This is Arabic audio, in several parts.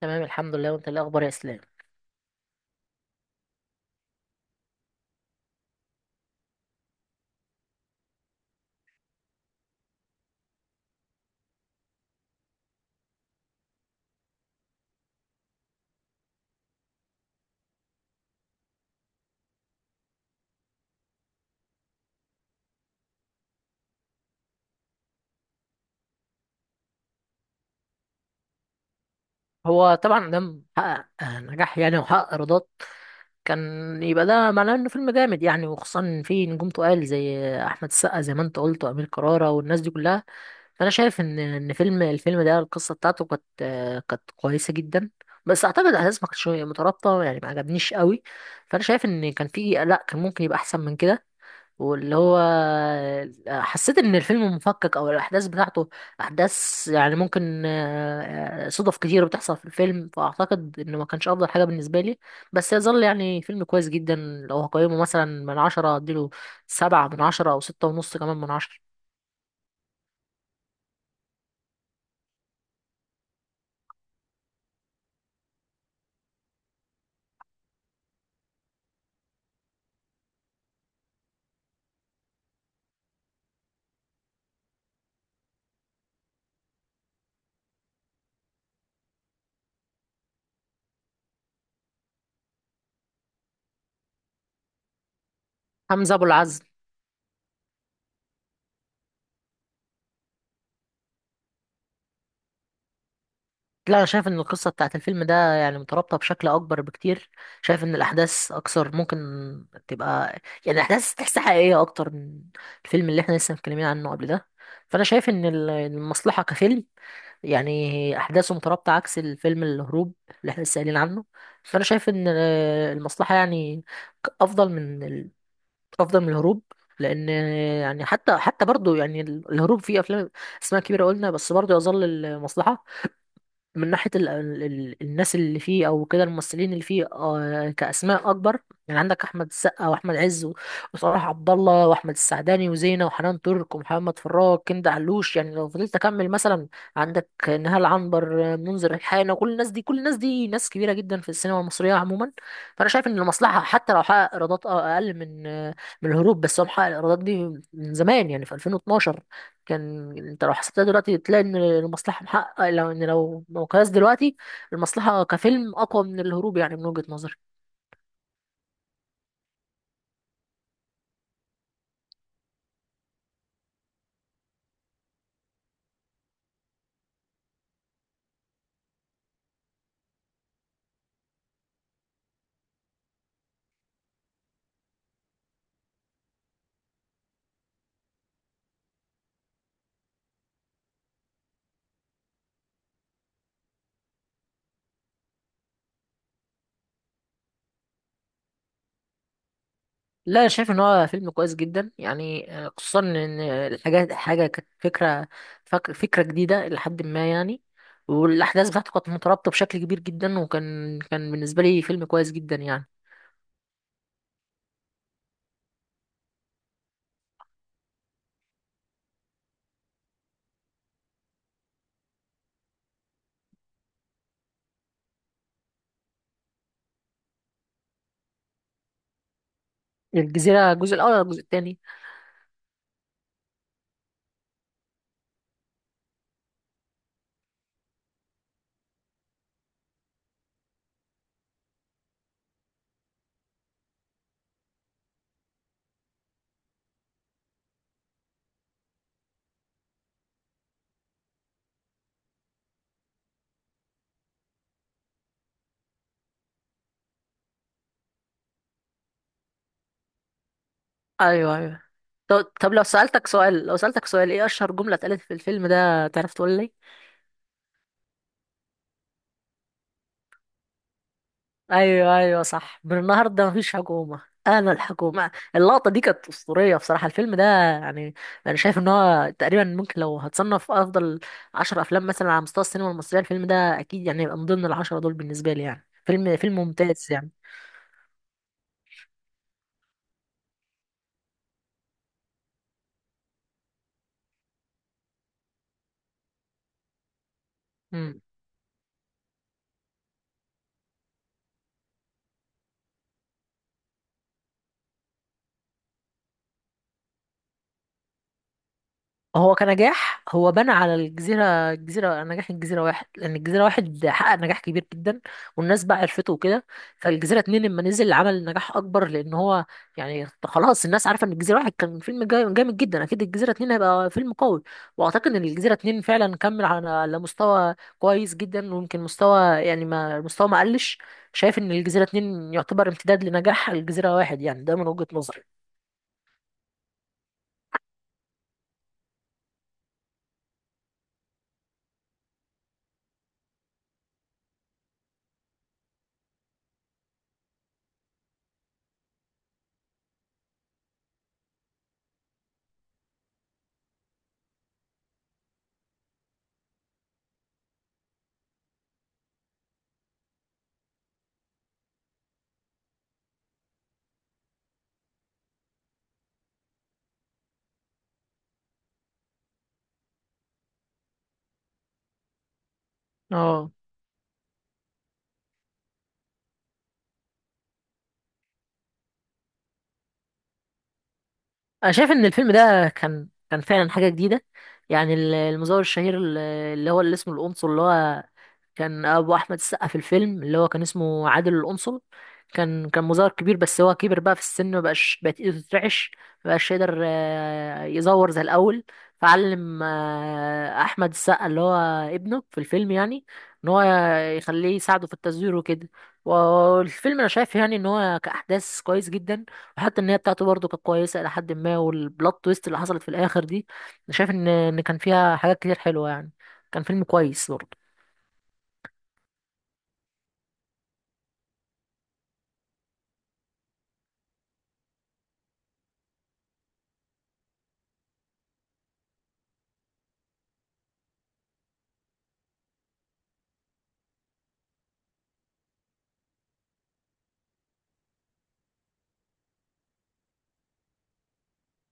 تمام الحمد لله، وانت ايه الاخبار يا اسلام؟ هو طبعا ده حقق نجاح يعني وحقق ايرادات. كان يبقى ده معناه انه فيلم جامد يعني، وخصوصا ان في نجوم تقال زي احمد السقا زي ما انت قلت، وامير كرارة والناس دي كلها. فانا شايف ان الفيلم ده القصه بتاعته كانت، كانت كويسه جدا. بس اعتقد الاحداث ما كانتش مترابطه يعني، ما عجبنيش قوي. فانا شايف ان كان في لا، كان ممكن يبقى احسن من كده. واللي هو حسيت ان الفيلم مفكك او الاحداث بتاعته احداث، يعني ممكن، صدف كتير بتحصل في الفيلم، فاعتقد انه ما كانش افضل حاجه بالنسبه لي. بس يظل يعني فيلم كويس جدا. لو هقيمه مثلا من عشرة اديله سبعة من عشرة، او ستة ونص كمان من عشرة. حمزة ابو العز. لا انا شايف ان القصه بتاعت الفيلم ده يعني مترابطه بشكل اكبر بكتير. شايف ان الاحداث اكثر ممكن تبقى، يعني الاحداث تحسها حقيقيه اكتر من الفيلم اللي احنا لسه متكلمين عنه قبل ده. فانا شايف ان المصلحه كفيلم، يعني احداثه مترابطه عكس الفيلم الهروب اللي احنا لسه قايلين عنه. فانا شايف ان المصلحه يعني افضل من افضل من الهروب. لان، يعني حتى برضه يعني الهروب فيه افلام اسماء كبيره قلنا، بس برضه يظل المصلحه من ناحية ال الناس اللي فيه أو كده الممثلين اللي فيه آه كأسماء أكبر. يعني عندك أحمد السقا وأحمد عز وصلاح عبد الله وأحمد السعداني وزينة وحنان ترك ومحمد فراج كندا علوش، يعني لو فضلت أكمل مثلا عندك نهال عنبر، منذر الحانة، كل الناس دي، كل الناس دي ناس كبيرة جدا في السينما المصرية عموما. فأنا شايف إن المصلحة حتى لو حقق إيرادات، أقل من من الهروب، بس هو محقق الإيرادات دي من زمان يعني في 2012. كان انت لو حسبتها دلوقتي تلاقي ان المصلحه محقق، لو ان لو مقياس دلوقتي المصلحه كفيلم اقوى من الهروب، يعني من وجهه نظري. لا انا شايف ان هو فيلم كويس جدا يعني، خصوصا ان الحاجات حاجه كانت فكره، فكره جديده لحد ما يعني، والاحداث بتاعته كانت مترابطه بشكل كبير جدا، وكان بالنسبه لي فيلم كويس جدا يعني. الجزيره الجزء الاول ولا الجزء الثاني؟ ايوه ايوه. طب لو سالتك سؤال، لو سالتك سؤال، ايه اشهر جمله اتقالت في الفيلم ده، تعرف تقول لي؟ ايوه ايوه صح، من النهارده مفيش حكومه، انا الحكومه. اللقطه دي كانت اسطوريه بصراحه. الفيلم ده يعني انا شايف ان هو تقريبا، ممكن لو هتصنف افضل عشر افلام مثلا على مستوى السينما المصريه، الفيلم ده اكيد يعني يبقى من ضمن العشره دول بالنسبه لي، يعني فيلم، فيلم ممتاز يعني. هو كنجاح هو بنى على الجزيرة، نجاح الجزيرة واحد، لأن الجزيرة واحد حقق نجاح كبير جدا والناس بقى عرفته وكده. فالجزيرة اتنين لما نزل عمل نجاح أكبر، لأن هو يعني خلاص الناس عارفة إن الجزيرة واحد كان فيلم جامد جدا، أكيد الجزيرة اتنين هيبقى فيلم قوي. وأعتقد إن الجزيرة اتنين فعلا كمل على مستوى كويس جدا، ويمكن مستوى يعني ما مستوى ما قلش. شايف إن الجزيرة اتنين يعتبر امتداد لنجاح الجزيرة واحد، يعني ده من وجهة نظري. اه، انا شايف ان الفيلم ده كان كان فعلا حاجه جديده، يعني المزور الشهير اللي هو اللي اسمه القنصل، اللي هو كان ابو احمد السقا في الفيلم، اللي هو كان اسمه عادل القنصل. كان مظهر كبير، بس هو كبر بقى في السن، مبقاش، بقت ايده تترعش، مبقاش يقدر يزور زي الاول. فعلم، احمد السقا اللي هو ابنه في الفيلم، يعني ان هو يخليه يساعده في التزوير وكده. والفيلم انا شايف يعني ان هو كاحداث كويس جدا، وحتى النهايه بتاعته برضه كانت كويسه الى حد ما، والبلوت تويست اللي حصلت في الاخر دي انا شايف ان كان فيها حاجات كتير حلوه يعني، كان فيلم كويس برضه.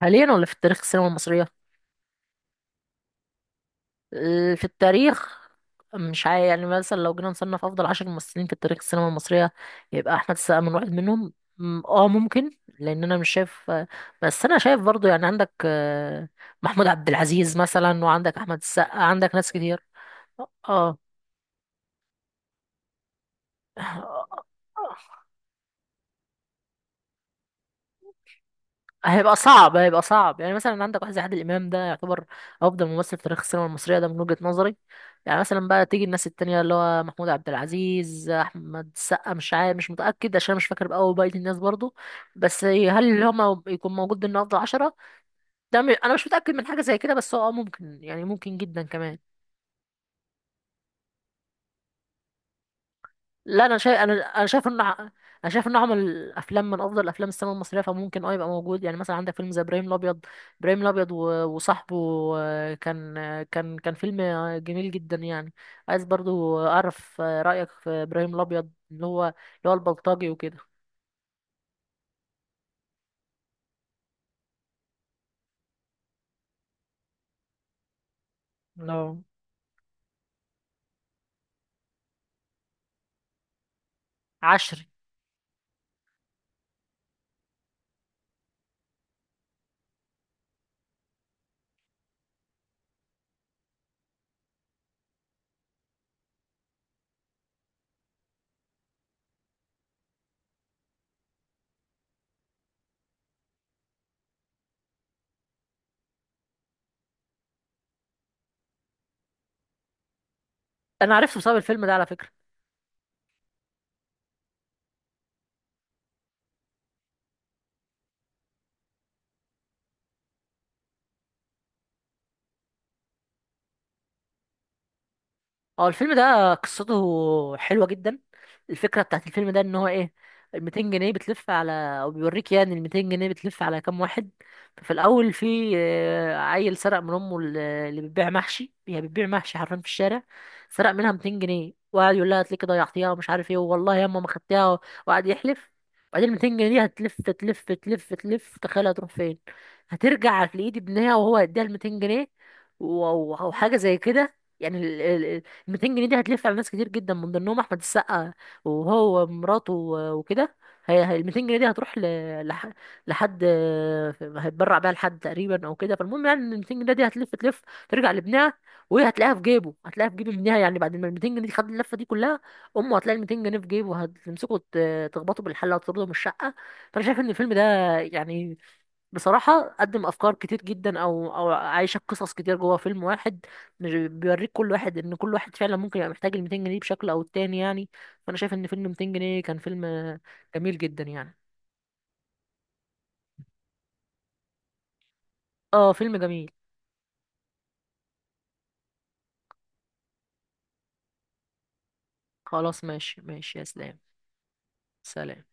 حاليا ولا في التاريخ السينما المصرية؟ في التاريخ مش عارف. يعني مثلا لو جينا نصنف أفضل عشر ممثلين في التاريخ السينما المصرية، يبقى أحمد السقا من واحد منهم، اه ممكن. لأن أنا مش شايف، بس أنا شايف برضو يعني عندك، محمود عبد العزيز مثلا، وعندك أحمد السقا، عندك ناس كتير. اه. آه، آه، هيبقى صعب، هيبقى صعب. يعني مثلا عندك واحد زي عادل امام، ده يعتبر افضل ممثل في تاريخ السينما المصريه ده من وجهه نظري. يعني مثلا بقى تيجي الناس التانية اللي هو محمود عبد العزيز، احمد السقا، مش عارف، مش متاكد عشان مش فاكر بقى بقيه الناس برضو. بس هل اللي هم يكون موجود ضمن افضل عشرة، ده انا مش متاكد من حاجه زي كده، بس هو آه ممكن، يعني ممكن جدا كمان. لا انا شايف، انا شايف انا شايف انه عمل افلام من افضل افلام السينما المصريه، فممكن اه يبقى موجود. يعني مثلا عندك فيلم زي ابراهيم الابيض، وصاحبه، كان، كان فيلم، جميل جدا يعني. عايز برضو اعرف، رايك في ابراهيم الابيض، اللي هو اللي هو البلطجي وكده. لا، عشري. انا عرفته بسبب الفيلم ده على فكره. اه، الفيلم ده قصته حلوة جدا. الفكرة بتاعت الفيلم ده ان هو ايه، ال 200 جنيه بتلف على، او بيوريك يعني ال 200 جنيه بتلف على كام واحد. ففي الاول في، عيل سرق من امه اللي بتبيع محشي، هي بتبيع محشي حرفيا في الشارع، سرق منها 200 جنيه وقعد يقول لها هتلاقيكي ضيعتيها ومش عارف ايه والله ياما ما خدتيها، وقعد يحلف. وبعدين ال 200 جنيه دي هتلف تلف تلف تلف، تخيل هتروح فين؟ هترجع في ايد ابنها وهو هيديها ال 200 جنيه وحاجة زي كده يعني. 200 جنيه دي هتلف على ناس كتير جدا من ضمنهم احمد السقا وهو ومراته وكده. هي ال 200 جنيه دي هتروح لح... لحد هيتبرع بيها لحد تقريبا او كده. فالمهم يعني ان ال 200 جنيه دي هتلف تلف، ترجع لابنها، وهي هتلاقيها في جيبه، هتلاقيها في جيب ابنها، يعني بعد ما ال 200 جنيه دي خد اللفه دي كلها، امه هتلاقي ال 200 جنيه في جيبه، هتمسكه تخبطه بالحله وتطرده من الشقه. فانا شايف ان الفيلم ده يعني بصراحة قدم أفكار كتير جدا، أو عايشك قصص كتير جوه فيلم واحد. مش بيوريك كل واحد، ان كل واحد فعلا ممكن يبقى محتاج ال 200 جنيه بشكل او التاني يعني. فانا شايف ان فيلم 200 جنيه كان فيلم، جميل جدا يعني. اه فيلم جميل. خلاص ماشي ماشي يا اسلام. سلام.